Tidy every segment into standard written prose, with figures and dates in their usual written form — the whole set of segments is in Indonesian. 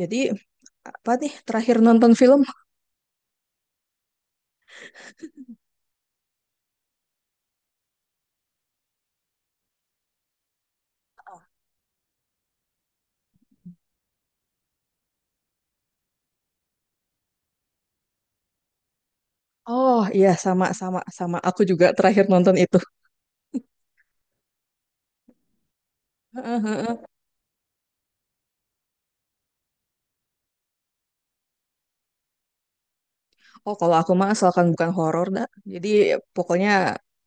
Jadi apa nih terakhir nonton film? Oh iya sama sama sama aku juga terakhir nonton itu. Heeh, heeh. Oh kalau aku mah asalkan bukan horor dah. Jadi pokoknya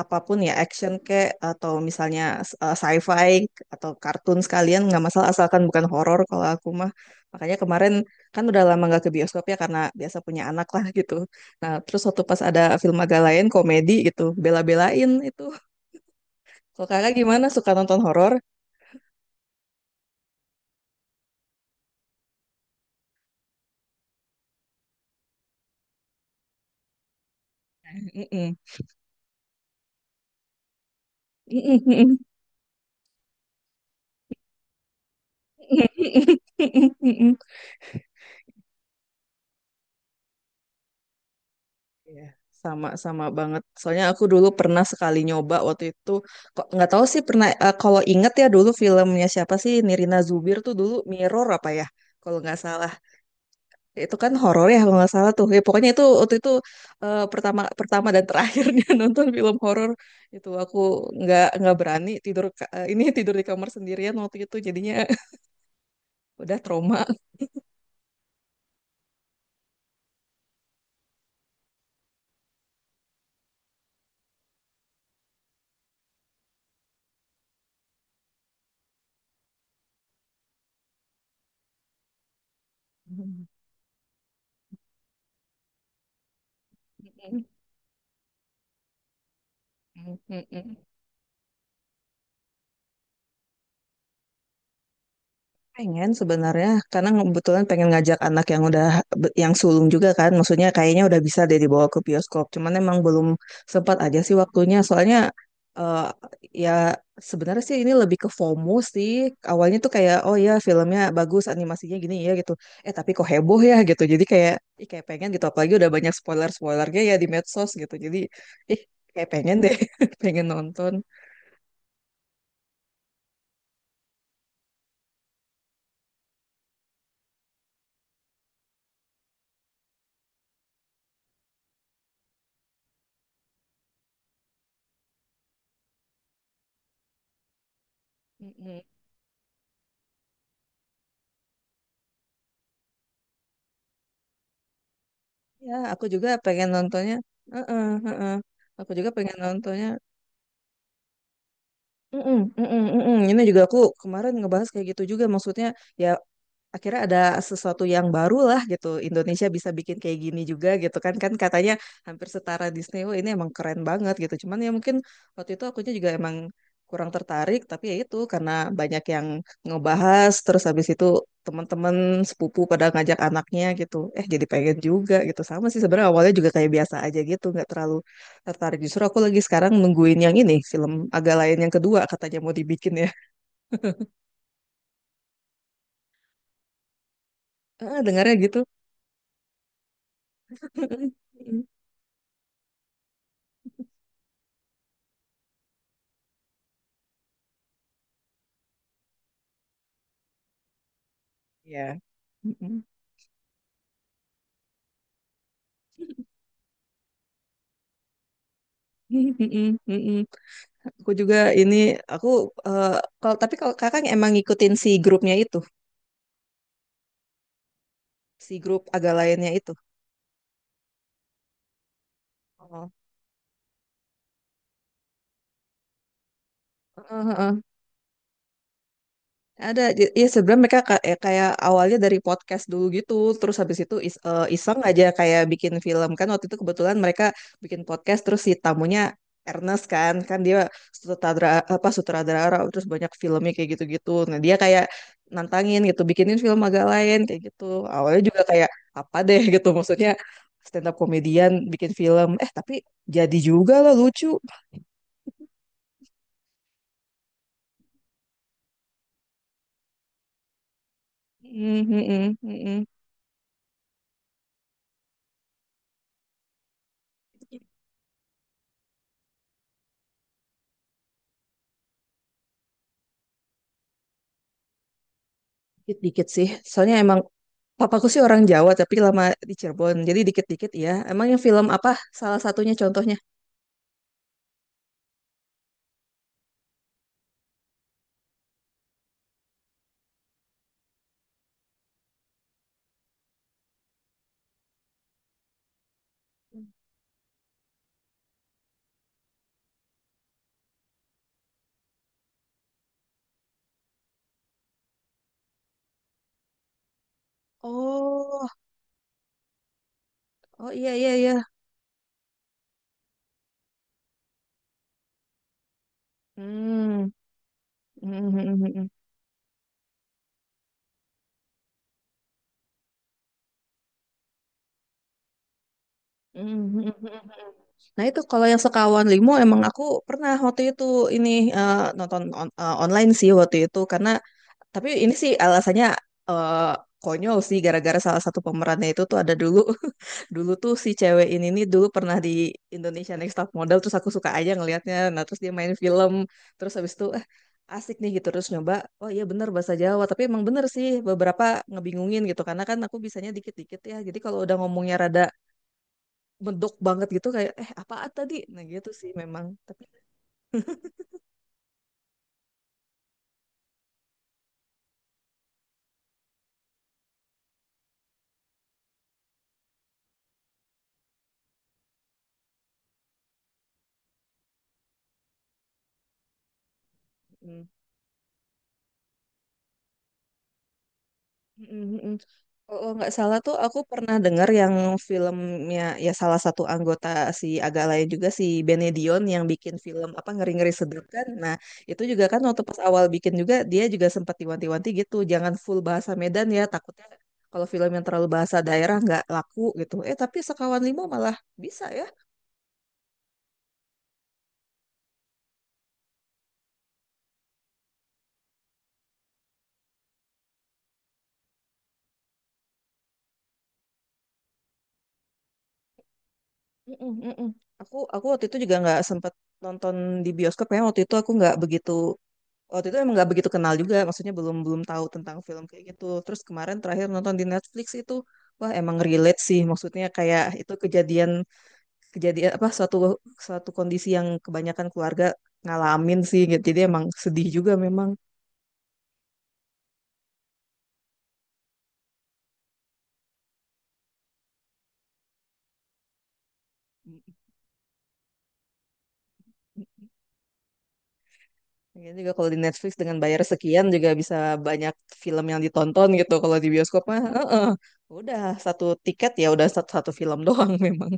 apapun ya action kek atau misalnya sci-fi atau kartun sekalian nggak masalah asalkan bukan horor kalau aku mah. Makanya kemarin kan udah lama nggak ke bioskop ya karena biasa punya anak lah gitu. Nah terus waktu pas ada film agak lain komedi gitu bela-belain itu. Kalau kakak gimana suka nonton horor? Mm-mm. Mm-mm, mm-mm. Iya, sama sama banget. Soalnya aku dulu pernah sekali nyoba waktu itu kok nggak tahu sih pernah kalau inget ya dulu filmnya siapa sih Nirina Zubir tuh dulu Mirror apa ya kalau nggak salah. Ya, itu kan horor ya kalau nggak salah tuh. Ya, pokoknya itu waktu itu pertama pertama dan terakhirnya nonton film horor itu aku nggak berani tidur ka- eh, ini tidur di kamar sendirian waktu itu jadinya udah trauma. Pengen sebenarnya karena kebetulan pengen ngajak anak yang sulung juga kan. Maksudnya kayaknya udah bisa deh dibawa ke bioskop. Cuman emang belum sempat aja sih waktunya. Soalnya eh, ya sebenarnya sih ini lebih ke FOMO sih. Awalnya tuh kayak oh ya filmnya bagus, animasinya gini ya gitu. Eh tapi kok heboh ya gitu. Jadi kayak ih kayak pengen gitu apalagi udah banyak spoiler-spoilernya ya di medsos gitu. Jadi ih kayak pengen deh, pengen nonton. Ya, aku juga pengen nontonnya. Heeh, heeh. Aku juga pengen nontonnya. Mm-mm, mm-mm, mm-mm. Ini juga aku kemarin ngebahas kayak gitu juga. Maksudnya ya akhirnya ada sesuatu yang baru lah gitu. Indonesia bisa bikin kayak gini juga gitu kan. Kan katanya hampir setara Disney. Wah, ini emang keren banget gitu. Cuman ya mungkin waktu itu akunya juga emang kurang tertarik. Tapi ya itu karena banyak yang ngebahas. Terus habis itu teman-teman sepupu pada ngajak anaknya gitu. Eh jadi pengen juga gitu. Sama sih sebenarnya awalnya juga kayak biasa aja gitu. Nggak terlalu tertarik. Justru aku lagi sekarang nungguin yang ini. Film agak lain yang kedua katanya mau dibikin ya. Ah dengarnya gitu. Iya. Mm-mm. Mm-mm, mm-mm. Aku juga ini aku eh, kalau kakak emang ngikutin si grupnya itu, si grup agak lainnya itu. Oh. Heeh, heeh. Ada, ya sebenarnya mereka kayak awalnya dari podcast dulu gitu, terus habis itu iseng aja kayak bikin film kan waktu itu kebetulan mereka bikin podcast terus si tamunya Ernest kan dia sutradara apa sutradara terus banyak filmnya kayak gitu-gitu. Nah dia kayak nantangin gitu, bikinin film agak lain kayak gitu. Awalnya juga kayak apa deh gitu, maksudnya stand up komedian bikin film, tapi jadi juga lah lucu. Mm, mm, mm, mm, mm. Dikit-dikit sih, soalnya emang Papaku sih orang Jawa tapi lama di Cirebon. Jadi dikit-dikit ya. Emang yang film apa salah satunya contohnya? Oh, oh iya iya iya. Hmm. Mhm, mhm, mhm, mhm. Nah itu kalau yang sekawan limo emang aku pernah waktu itu ini eh, nonton online sih waktu itu karena tapi ini sih alasannya eh, konyol sih gara-gara salah satu pemerannya itu tuh ada dulu dulu tuh si cewek ini nih dulu pernah di Indonesia Next Top Model terus aku suka aja ngelihatnya nah terus dia main film terus habis itu asik nih gitu terus nyoba oh iya bener bahasa Jawa tapi emang bener sih beberapa ngebingungin gitu karena kan aku bisanya dikit-dikit ya jadi kalau udah ngomongnya rada medok banget gitu kayak apaan tadi nah gitu sih memang tapi mm, mm, mm, mm. Kalau nggak salah tuh aku pernah dengar yang filmnya ya salah satu anggota si agak lain juga si Benedion yang bikin film apa ngeri-ngeri sedap kan nah itu juga kan waktu pas awal bikin juga dia juga sempat diwanti-wanti gitu jangan full bahasa Medan ya takutnya kalau film yang terlalu bahasa daerah nggak laku gitu tapi Sekawan Lima malah bisa ya. Mm-mm, mm-mm. Aku waktu itu juga nggak sempet nonton di bioskop ya waktu itu emang nggak begitu kenal juga maksudnya belum belum tahu tentang film kayak gitu terus kemarin terakhir nonton di Netflix itu wah emang relate sih maksudnya kayak itu kejadian kejadian apa suatu suatu kondisi yang kebanyakan keluarga ngalamin sih gitu jadi emang sedih juga memang. Ya juga kalau di Netflix dengan bayar sekian juga bisa banyak film yang ditonton gitu. Kalau di bioskop mah, heeh. Udah satu tiket ya udah satu, satu film doang memang.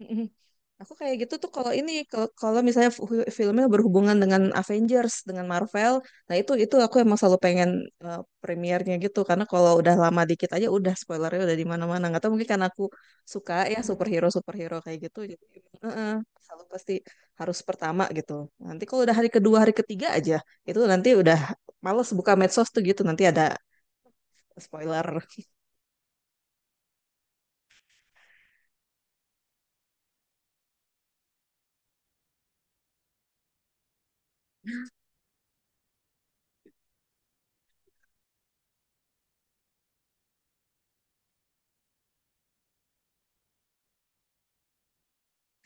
Mm-mm. Aku kayak gitu tuh kalau ini kalau kalau misalnya filmnya berhubungan dengan Avengers, dengan Marvel, nah itu aku emang selalu pengen premiernya gitu karena kalau udah lama dikit aja udah spoilernya udah di mana-mana. Nggak tahu mungkin karena aku suka ya superhero superhero kayak gitu, jadi eh, selalu pasti harus pertama gitu. Nanti kalau udah hari kedua hari ketiga aja itu nanti udah males buka medsos tuh gitu nanti ada spoiler.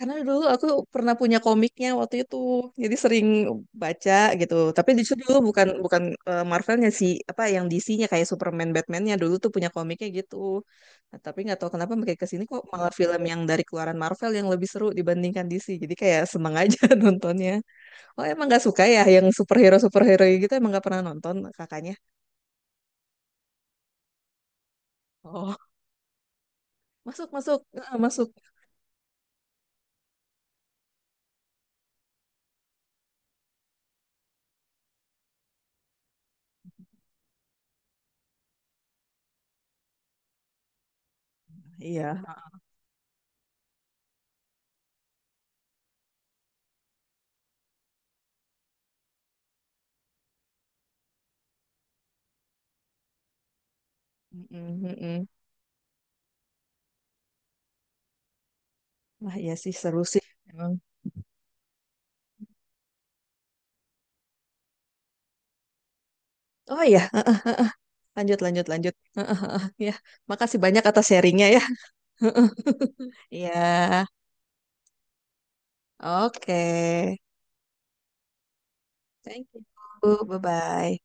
Karena dulu aku pernah punya komiknya waktu itu, jadi sering baca gitu. Tapi justru dulu bukan bukan Marvelnya sih, apa yang DC-nya kayak Superman, Batman-nya dulu tuh punya komiknya gitu. Nah, tapi nggak tahu kenapa makin ke sini kok malah film yang dari keluaran Marvel yang lebih seru dibandingkan DC. Jadi kayak seneng aja nontonnya. Oh emang nggak suka ya yang superhero superhero gitu emang nggak pernah nonton kakaknya? Oh masuk masuk eh, masuk. Iya. Mm-mm, mm-mm. Wah iya sih seru sih emang. Oh iya. Lanjut, lanjut, lanjut. Ya, makasih banyak atas sharingnya ya. Ya, oke. Thank you. Bye-bye.